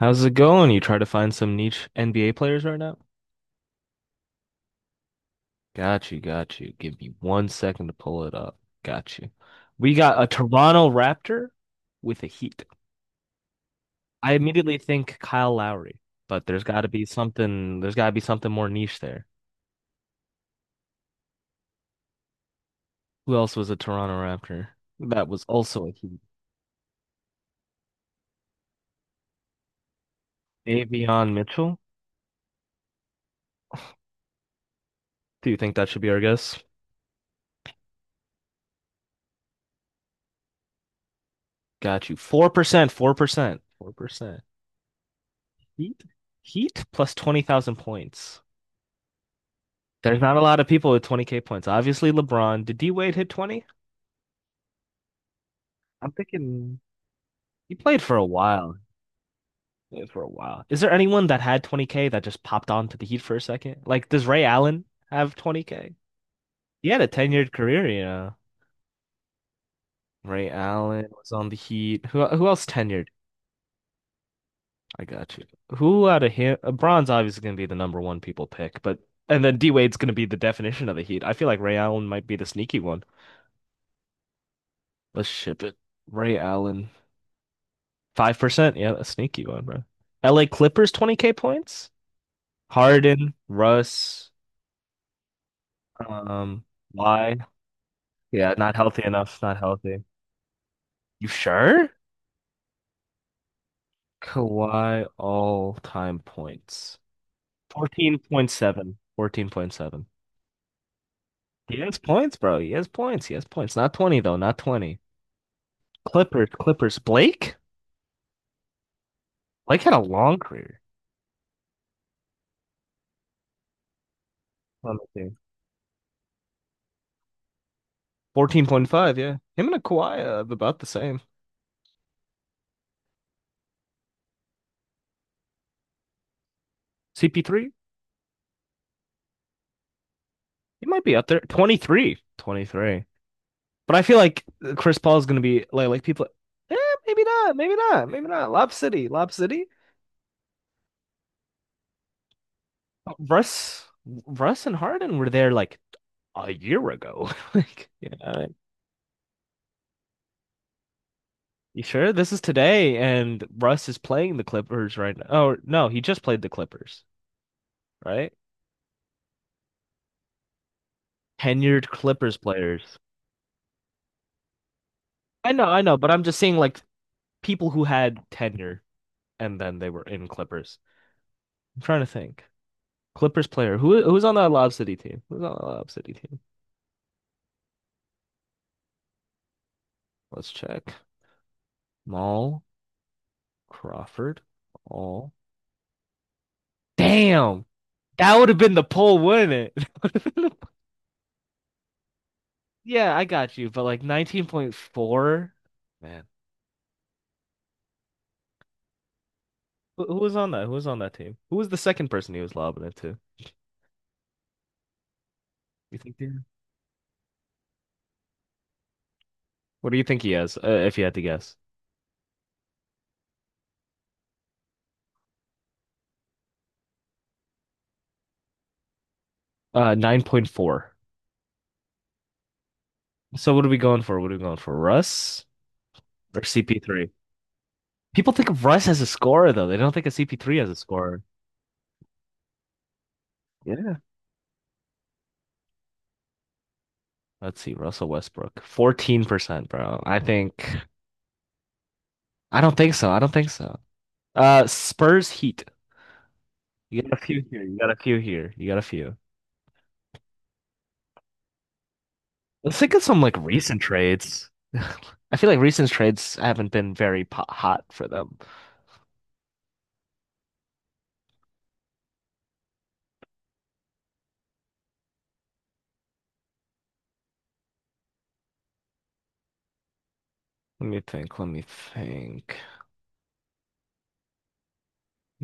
How's it going? You try to find some niche NBA players right now? Got you, got you. Give me one second to pull it up. Got you. We got a Toronto Raptor with a Heat. I immediately think Kyle Lowry, but there's got to be something. There's got to be something more niche there. Who else was a Toronto Raptor? That was also a Heat. Davion Mitchell. Do you think that should be our guess? Got you. 4%, 4%, 4%. Heat? Heat plus 20,000 points. There's not a lot of people with 20K points. Obviously, LeBron. Did D Wade hit 20? I'm thinking he played for a while. He played for a while. Is there anyone that had 20K that just popped on to the Heat for a second? Like, does Ray Allen have 20K? He had a tenured career. Ray Allen was on the Heat. Who else tenured? I got you. Who out of him? LeBron's obviously going to be the number one people pick, but and then D Wade's going to be the definition of the Heat. I feel like Ray Allen might be the sneaky one. Let's ship it. Ray Allen. 5%. Yeah, a sneaky one, bro. LA Clippers, 20K points. Harden, Russ, um, why? Yeah, not healthy enough. Not healthy. You sure? Kawhi all-time points. 14.7. 14.7. He has points, bro. He has points. He has points. Not 20 though, not 20. Clippers, Clippers. Blake? Blake had a long career. Let me see. 14.5, yeah. Him and a Kawhi about the same. CP3? He might be up there. 23. 23. But I feel like Chris Paul is going to be like people, eh, maybe not, maybe not, maybe not. Lob City, Lob City. Russ, Russ and Harden were there like a year ago. You sure this is today? And Russ is playing the Clippers right now. Oh, no, he just played the Clippers, right? Tenured Clippers players. I know, but I'm just saying like people who had tenure and then they were in Clippers. I'm trying to think. Clippers player. Who's on that Lob City team? Who's on that Lob City team? Let's check. Jamal Crawford. All. Damn. That would have been the poll, wouldn't it? That would've been the- Yeah, I got you, but like 19.4. Man. Who was on that? Who was on that team? Who was the second person he was lobbing it to? You think Dan? What do you think he has, if you had to guess? 9.4. So what are we going for? What are we going for? Russ or CP3? People think of Russ as a scorer, though. They don't think of CP3 as a scorer. Yeah. Let's see, Russell Westbrook, 14%, bro. I don't think so. I don't think so. Spurs Heat. You got a few here. You got a few here. You got a few. Let's think of some like recent trades. I feel like recent trades haven't been very po hot for them. Let me think. Let me think.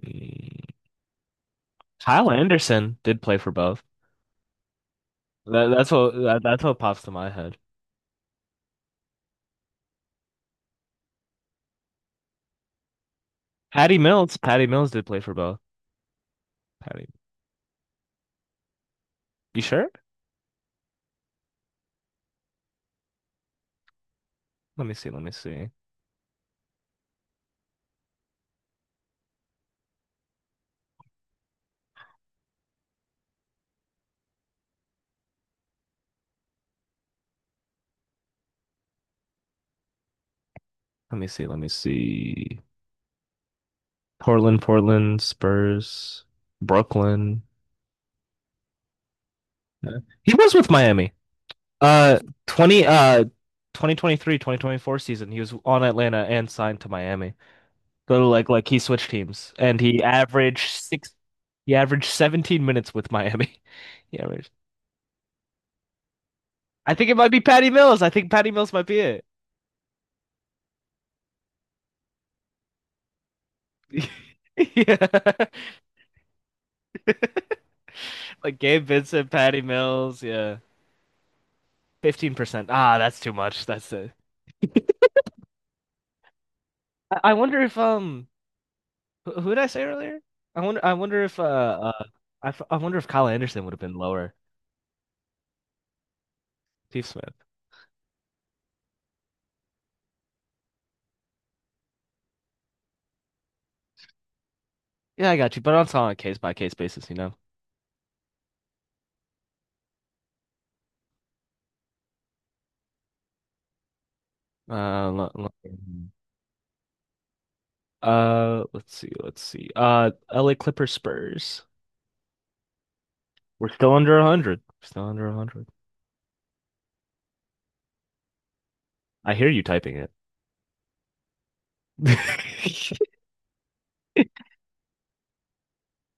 Hmm. Kyle Anderson did play for both. That's what pops to my head. Patty Mills. Patty Mills did play for both. Patty. You sure? Let me see. Let me see. Let me see. Let me see. Portland, Portland, Spurs, Brooklyn. He was with Miami. Uh 20 uh 2023, 2024 season, he was on Atlanta and signed to Miami. Go to like he switched teams and he averaged 17 minutes with Miami. He averaged I think it might be Patty Mills. I think Patty Mills might be it. Yeah. Like Gabe Vincent, Patty Mills, yeah. 15%. Ah, that's too much. That's it. I wonder if Who, did I say earlier? I wonder. I wonder if I, f I wonder if Kyle Anderson would have been lower. Steve Smith. Yeah, I got you. But I'm talking on a case by case basis. Uh, lo- lo- let's see, let's see. LA Clippers Spurs. We're still under 100. Still under 100. I hear you typing it.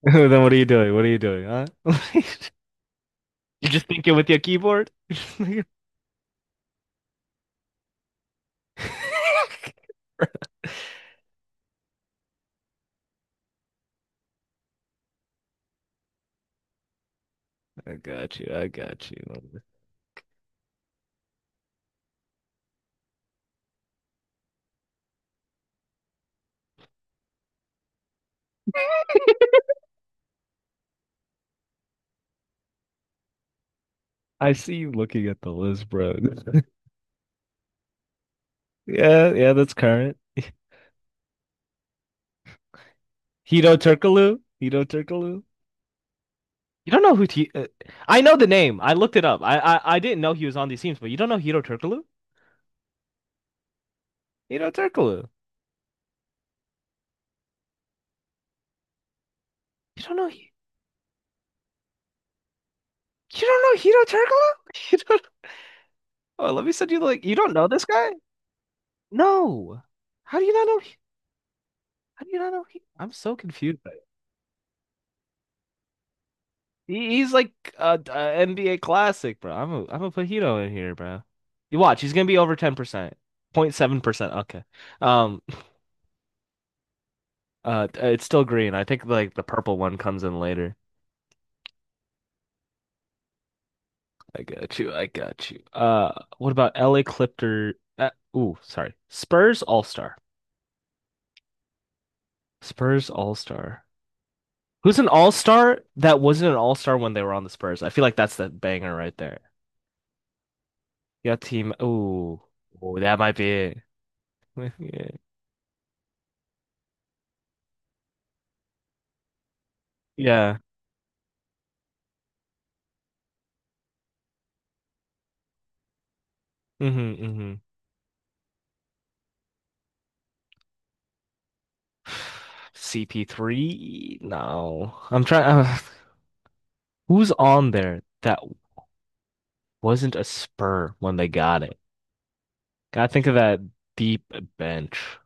Then what are you doing? What are you doing, huh? You're just thinking with your keyboard? I got you. I got you. I see you looking at the list, bro. Yeah, yeah, that's current. Hito Turkoglu. Hito Turkoglu. You don't know who T I know the name. I looked it up. I didn't know he was on these teams, but you don't know Hito Turkoglu? Hito Turkoglu. You don't know he you don't know Hito Turkoglu? You don't Oh, let me send you the like you don't know this guy? No. How do you not know how do you not know he I'm so confused by it. He's like a NBA classic, bro. I'm gonna put Hito in here, bro. You watch, he's gonna be over 10%. 0.7%. Okay. Um it's still green. I think like the purple one comes in later. I got you. I got you. What about LA Clipper? Ooh, sorry. Spurs All-Star. Spurs All-Star. Who's an All-Star that wasn't an All-Star when they were on the Spurs? I feel like that's the banger right there. Yeah, team. Ooh, ooh, that might be it. Yeah. Yeah. Mm-hmm. Mm-hmm. CP3? No. I'm trying. Who's on there that wasn't a Spur when they got it? Gotta think of that deep bench.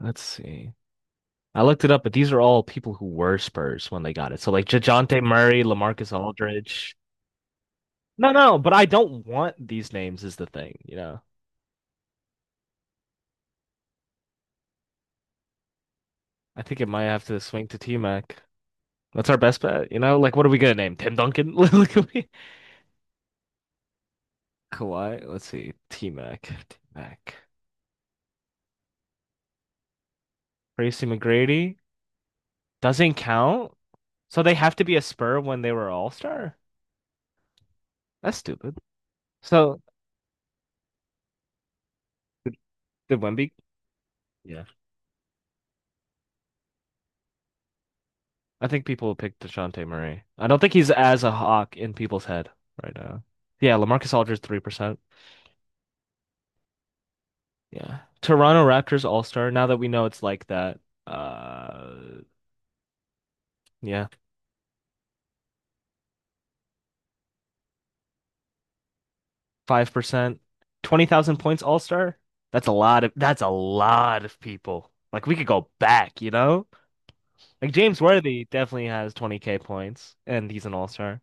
Let's see. I looked it up, but these are all people who were Spurs when they got it. So like Dejounte Murray, LaMarcus Aldridge. No, no, but I don't want these names is the thing. I think it might have to swing to T-Mac. That's our best bet, you know? Like what are we gonna name? Tim Duncan? Look at me. Kawhi, let's see. T-Mac. T-Mac. Tracy McGrady doesn't count. So they have to be a Spur when they were All-Star? That's stupid. So did did Wemby? Yeah. I think people will pick DeJounte Murray. I don't think he's as a hawk in people's head right now. Yeah, LaMarcus Aldridge 3%. Yeah. Toronto Raptors All-Star, now that we know it's like that. Uh yeah, 5%. 20,000 points All-Star? That's a lot of people. Like we could go back, you know? Like James Worthy definitely has 20K points and he's an All-Star.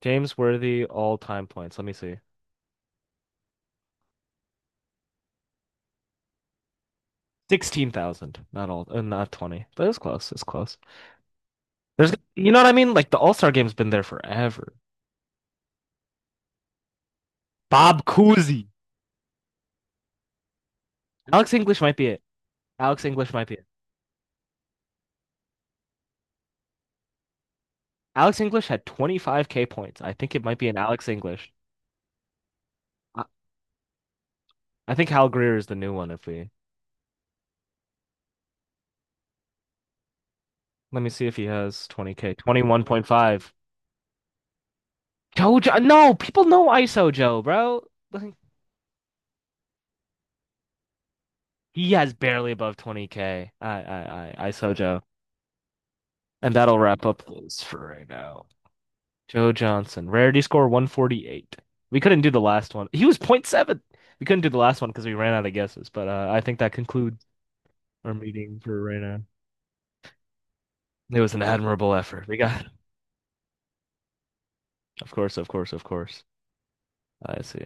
James Worthy all-time points. Let me see. 16,000, not 20, but it was close. It's close. You know what I mean? Like the All-Star game's been there forever. Bob Cousy. Alex English might be it. Alex English might be it. Alex English had 25K points. I think it might be an Alex English. I, I think Hal Greer is the new one if we let me see if he has 20K. 21.5. Jojo no, people know ISO Joe, bro. Like, he has barely above 20K. I ISO Joe. And that'll wrap up this for right now. Joe Johnson, rarity score 148. We couldn't do the last one. He was 0.7. We couldn't do the last one because we ran out of guesses, but I think that concludes our meeting for right now. It was an admirable effort. We got, of course, of course, of course. I see.